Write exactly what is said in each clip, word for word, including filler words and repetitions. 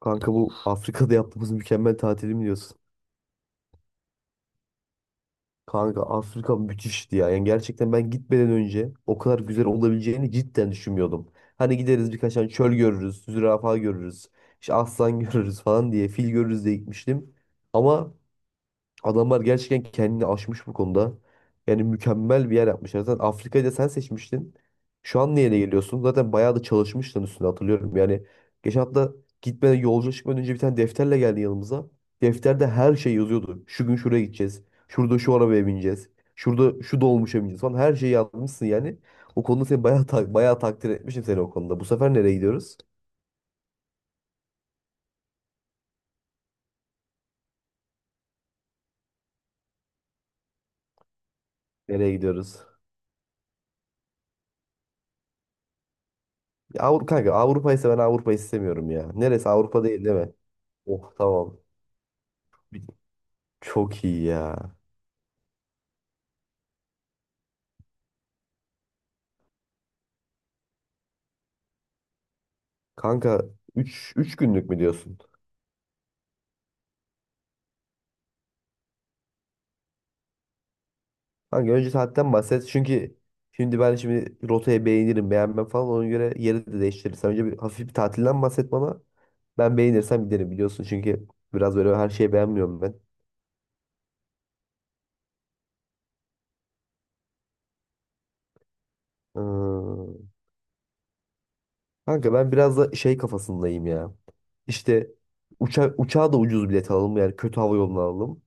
Kanka bu Afrika'da yaptığımız mükemmel tatili mi diyorsun? Kanka Afrika müthişti ya. Yani gerçekten ben gitmeden önce o kadar güzel olabileceğini cidden düşünmüyordum. Hani gideriz birkaç tane çöl görürüz, zürafa görürüz, işte aslan görürüz falan diye, fil görürüz diye gitmiştim. Ama adamlar gerçekten kendini aşmış bu konuda. Yani mükemmel bir yer yapmışlar. Zaten Afrika'yı da sen seçmiştin. Şu an niye geliyorsun? Zaten bayağı da çalışmıştın üstüne hatırlıyorum. Yani geçen hafta gitmeden yolculuğa çıkmadan önce bir tane defterle geldi yanımıza. Defterde her şey yazıyordu. Şu gün şuraya gideceğiz. Şurada şu arabaya bineceğiz. Şurada şu dolmuşa bineceğiz falan. Her şeyi yazmışsın yani. O konuda seni bayağı, ta- bayağı takdir etmişim seni o konuda. Bu sefer nereye gidiyoruz? Nereye gidiyoruz? Ya Avrupa kanka, Avrupa'ysa ben Avrupa'yı istemiyorum ya. Neresi Avrupa değil, değil mi? Oh, tamam. Çok iyi ya. Kanka üç üç günlük mü diyorsun? Kanka önce saatten bahset, çünkü şimdi ben şimdi rotayı beğenirim beğenmem falan, ona göre yeri de değiştiririz. Sen önce bir hafif bir tatilden bahset bana. Ben beğenirsem giderim, biliyorsun, çünkü biraz böyle her şeyi beğenmiyorum ben. Ee, kanka ben biraz da şey kafasındayım ya. İşte uça uçağa da ucuz bilet alalım, yani kötü hava yolunu alalım.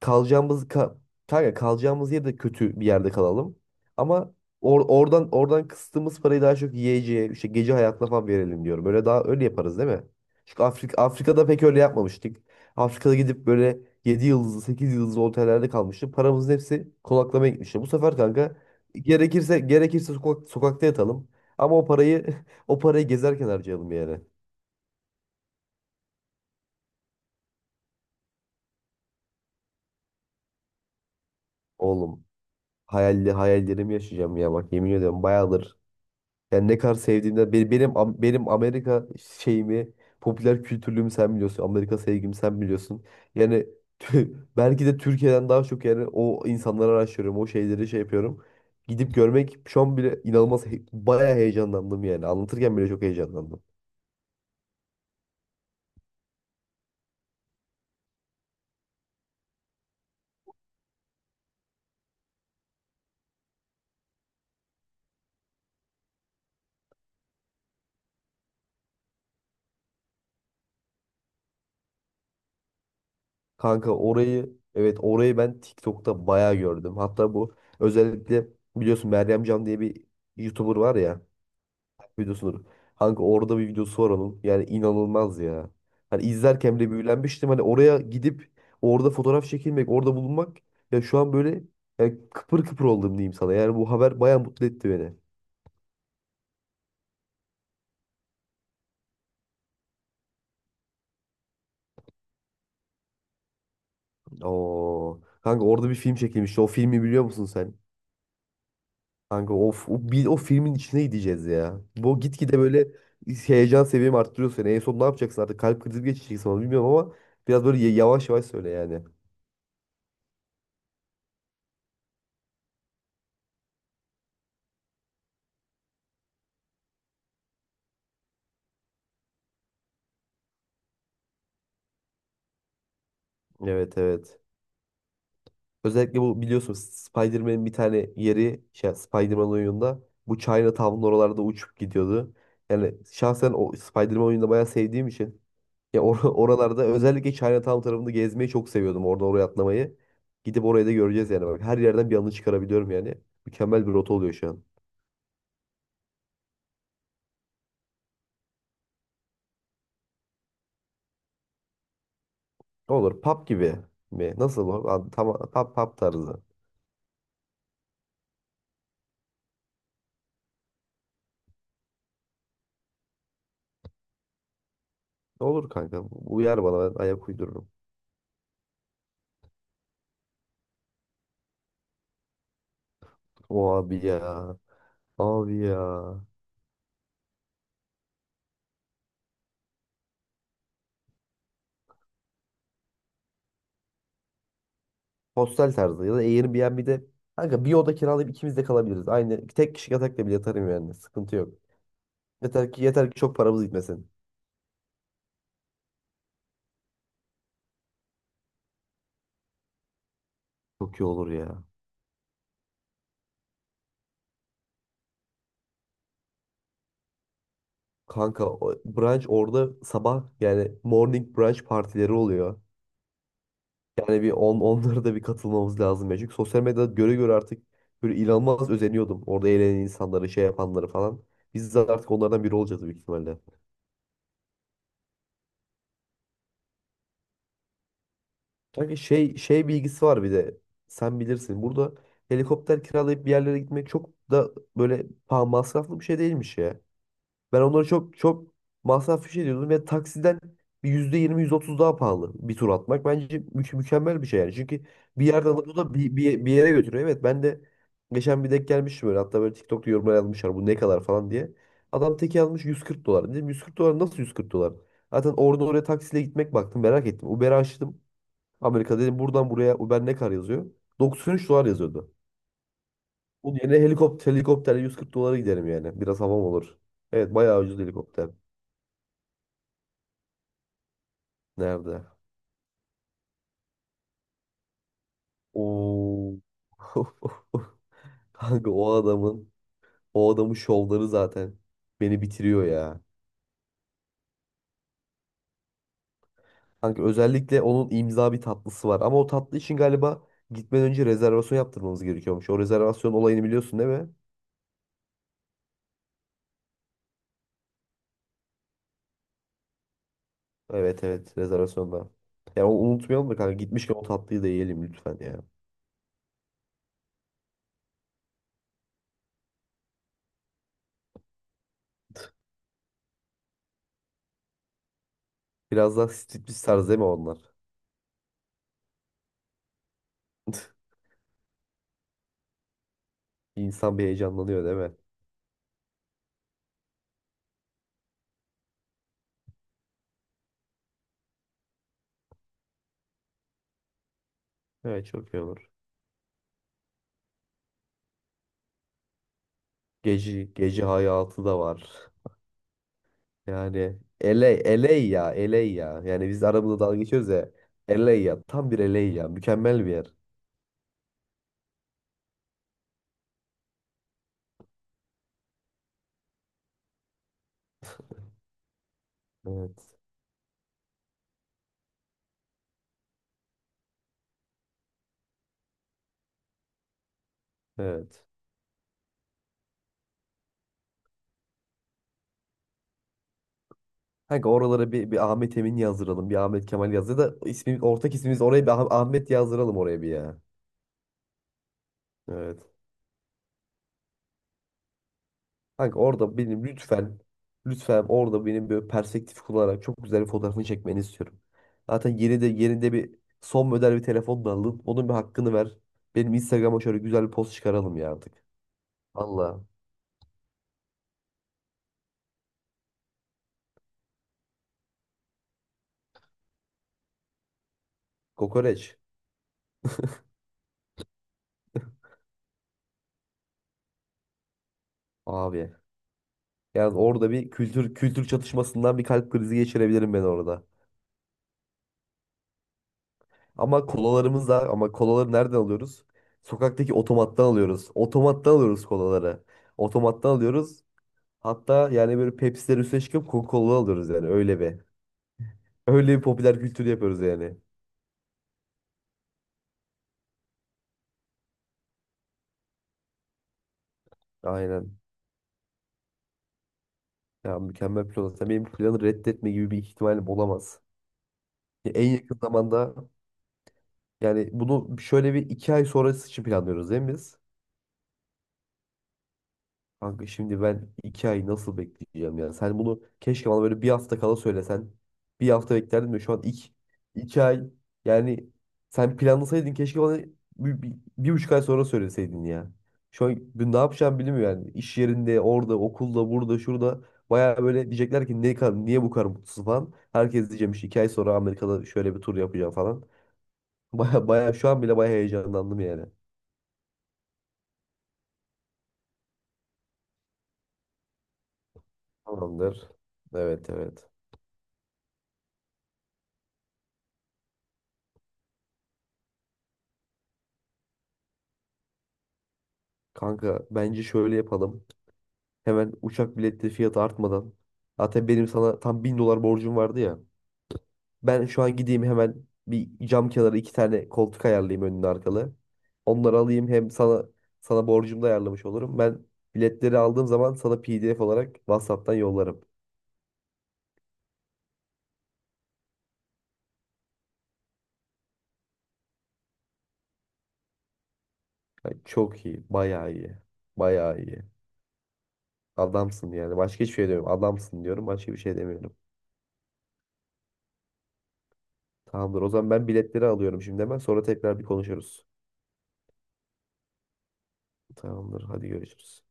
Kalacağımız ka kanka kalacağımız yerde kötü bir yerde kalalım. Ama or oradan oradan kıstığımız parayı daha çok yiyeceğe, işte gece hayatına falan verelim diyorum. Böyle daha öyle yaparız değil mi? Çünkü Afrika Afrika'da pek öyle yapmamıştık. Afrika'da gidip böyle yedi yıldızlı, sekiz yıldızlı otellerde kalmıştık. Paramızın hepsi konaklamaya gitmişti. Bu sefer kanka gerekirse gerekirse sokak, sokakta yatalım. Ama o parayı o parayı gezerken harcayalım yani. Oğlum, hayalli hayallerimi yaşayacağım ya, bak yemin ediyorum bayağıdır. Yani ne kadar sevdiğimden, benim benim, Am- benim Amerika şeyimi, popüler kültürlüğümü sen biliyorsun. Amerika sevgimi sen biliyorsun. Yani tü- belki de Türkiye'den daha çok, yani o insanları araştırıyorum, o şeyleri şey yapıyorum. Gidip görmek şu an bile inanılmaz, he- bayağı heyecanlandım yani. Anlatırken bile çok heyecanlandım. Kanka orayı, evet, orayı ben TikTok'ta bayağı gördüm. Hatta bu özellikle biliyorsun Meryem Can diye bir YouTuber var ya. Videosudur. Kanka orada bir videosu var onun. Yani inanılmaz ya. Hani izlerken bile büyülenmiştim. Hani oraya gidip orada fotoğraf çekilmek, orada bulunmak, ya şu an böyle, yani kıpır kıpır oldum diyeyim sana. Yani bu haber bayağı mutlu etti beni. Oo. Kanka orada bir film çekilmişti. O filmi biliyor musun sen? Kanka o, f- o, bir, o filmin içine gideceğiz ya. Bu gitgide böyle heyecan seviyemi arttırıyor seni. En son ne yapacaksın artık? Kalp krizi mi geçireceksin, onu bilmiyorum, ama biraz böyle y- yavaş yavaş söyle yani. Evet, evet. Özellikle bu, biliyorsun, Spider-Man'in bir tane yeri şey, Spider-Man oyununda bu Chinatown'un oralarda uçup gidiyordu. Yani şahsen o Spider-Man oyununu bayağı sevdiğim için ya or- oralarda özellikle Chinatown tarafında gezmeyi çok seviyordum. Orada oraya atlamayı. Gidip orayı da göreceğiz yani. Bak, her yerden bir anı çıkarabiliyorum yani. Mükemmel bir rota oluyor şu an. Olur, pub gibi mi? Nasıl bu? An- Tam pub, pub tarzı. Olur kanka. Uyar bana, ben ayak uydururum. O abi ya. Abi ya. Hostel tarzı ya da Airbnb'de kanka bir oda kiralayıp ikimiz de kalabiliriz. Aynı tek kişi yatakla bile yatarım yani. Sıkıntı yok. Yeter ki yeter ki çok paramız gitmesin. Çok iyi olur ya. Kanka o brunch orada sabah, yani morning brunch partileri oluyor. Yani bir on, onlara da bir katılmamız lazım ya. Çünkü sosyal medyada göre göre artık böyle inanılmaz özeniyordum. Orada eğlenen insanları, şey yapanları falan. Biz de artık onlardan biri olacağız büyük ihtimalle. Kanka şey şey bilgisi var bir de. Sen bilirsin. Burada helikopter kiralayıp bir yerlere gitmek çok da böyle paha masraflı bir şey değilmiş ya. Ben onları çok çok masraflı bir şey diyordum ve taksiden bir yirmi otuz daha pahalı bir tur atmak. Bence mü- mükemmel bir şey yani. Çünkü bir yerden alıp da bir, bir, bir yere götürüyor. Evet, ben de geçen bir denk gelmiştim böyle. Hatta böyle TikTok'ta yorumlar yazmışlar bu ne kadar falan diye. Adam teki almış yüz kırk dolar. Dedim yüz kırk dolar, nasıl yüz kırk dolar? Zaten oradan oraya taksiyle gitmek, baktım merak ettim. Uber açtım. Amerika dedim, buradan buraya Uber ne kadar yazıyor? doksan üç dolar yazıyordu. Bunun yerine helikopter, helikopterle yüz kırk dolara giderim yani. Biraz havam olur. Evet, bayağı ucuz helikopter. Nerede? Oo. Kanka o adamın o adamın şovları zaten beni bitiriyor ya. Kanka özellikle onun imza bir tatlısı var. Ama o tatlı için galiba gitmeden önce rezervasyon yaptırmamız gerekiyormuş. O rezervasyon olayını biliyorsun, değil mi? Evet, evet rezervasyonda. Yani onu unutmayalım da kanka, gitmişken o tatlıyı da yiyelim lütfen ya. Biraz daha striptiz tarzı değil mi onlar? İnsan bir heyecanlanıyor değil mi? Evet, çok iyi olur. Gece, gece hayatı da var. Yani L A, L A ya, L A ya. Yani biz arabada dalga geçiyoruz ya. L A ya, tam bir L A ya. Mükemmel bir yer. Evet. Evet. Kanka oralara bir, bir Ahmet Emin yazdıralım. Bir Ahmet Kemal yazdı da ismi, ortak ismimiz, oraya bir Ah- Ahmet yazdıralım oraya bir ya. Evet. Kanka orada benim lütfen, lütfen orada benim böyle perspektif kullanarak çok güzel bir fotoğrafını çekmeni istiyorum. Zaten yeni de yerinde bir son model bir telefon da aldın. Onun bir hakkını ver. Benim Instagram'a şöyle güzel bir post çıkaralım ya artık. Valla. Kokoreç. Abi. Yani orada bir kültür kültür çatışmasından bir kalp krizi geçirebilirim ben orada. Ama kolalarımız da, ama kolaları nereden alıyoruz? Sokaktaki otomattan alıyoruz. Otomattan alıyoruz kolaları. Otomattan alıyoruz. Hatta yani böyle Pepsi'ler üstüne çıkıp Coca-Cola alıyoruz yani, öyle bir. Öyle bir popüler kültür yapıyoruz yani. Aynen. Ya mükemmel plan. Sen benim planı reddetme gibi bir ihtimalim olamaz. Ya, en yakın zamanda, yani bunu şöyle bir iki ay sonrası için planlıyoruz değil mi biz? Kanka şimdi ben iki ay nasıl bekleyeceğim ya? Sen bunu keşke bana böyle bir hafta kala söylesen. Bir hafta beklerdim de şu an iki, iki ay, yani sen planlasaydın keşke bana bir, bir, bir buçuk ay sonra söyleseydin ya. Şu an ben ne yapacağım bilmiyorum yani. İş yerinde, orada, okulda, burada, şurada. Baya böyle diyecekler ki ne kadar, niye bu kadar mutsuz falan. Herkes diyeceğim, işte iki ay sonra Amerika'da şöyle bir tur yapacağım falan. Baya baya şu an bile baya heyecanlandım yani. Tamamdır. Evet, evet. Kanka bence şöyle yapalım. Hemen uçak biletleri fiyatı artmadan. Zaten benim sana tam bin dolar borcum vardı ya. Ben şu an gideyim hemen, bir cam kenarı iki tane koltuk ayarlayayım önlü arkalı. Onları alayım, hem sana sana borcumu da ayarlamış olurum. Ben biletleri aldığım zaman sana P D F olarak WhatsApp'tan yollarım. Yani çok iyi, bayağı iyi. Bayağı iyi. Adamsın yani. Başka hiçbir şey demiyorum. Adamsın diyorum. Başka bir şey demiyorum. Tamamdır. O zaman ben biletleri alıyorum şimdi hemen. Sonra tekrar bir konuşuruz. Tamamdır. Hadi görüşürüz.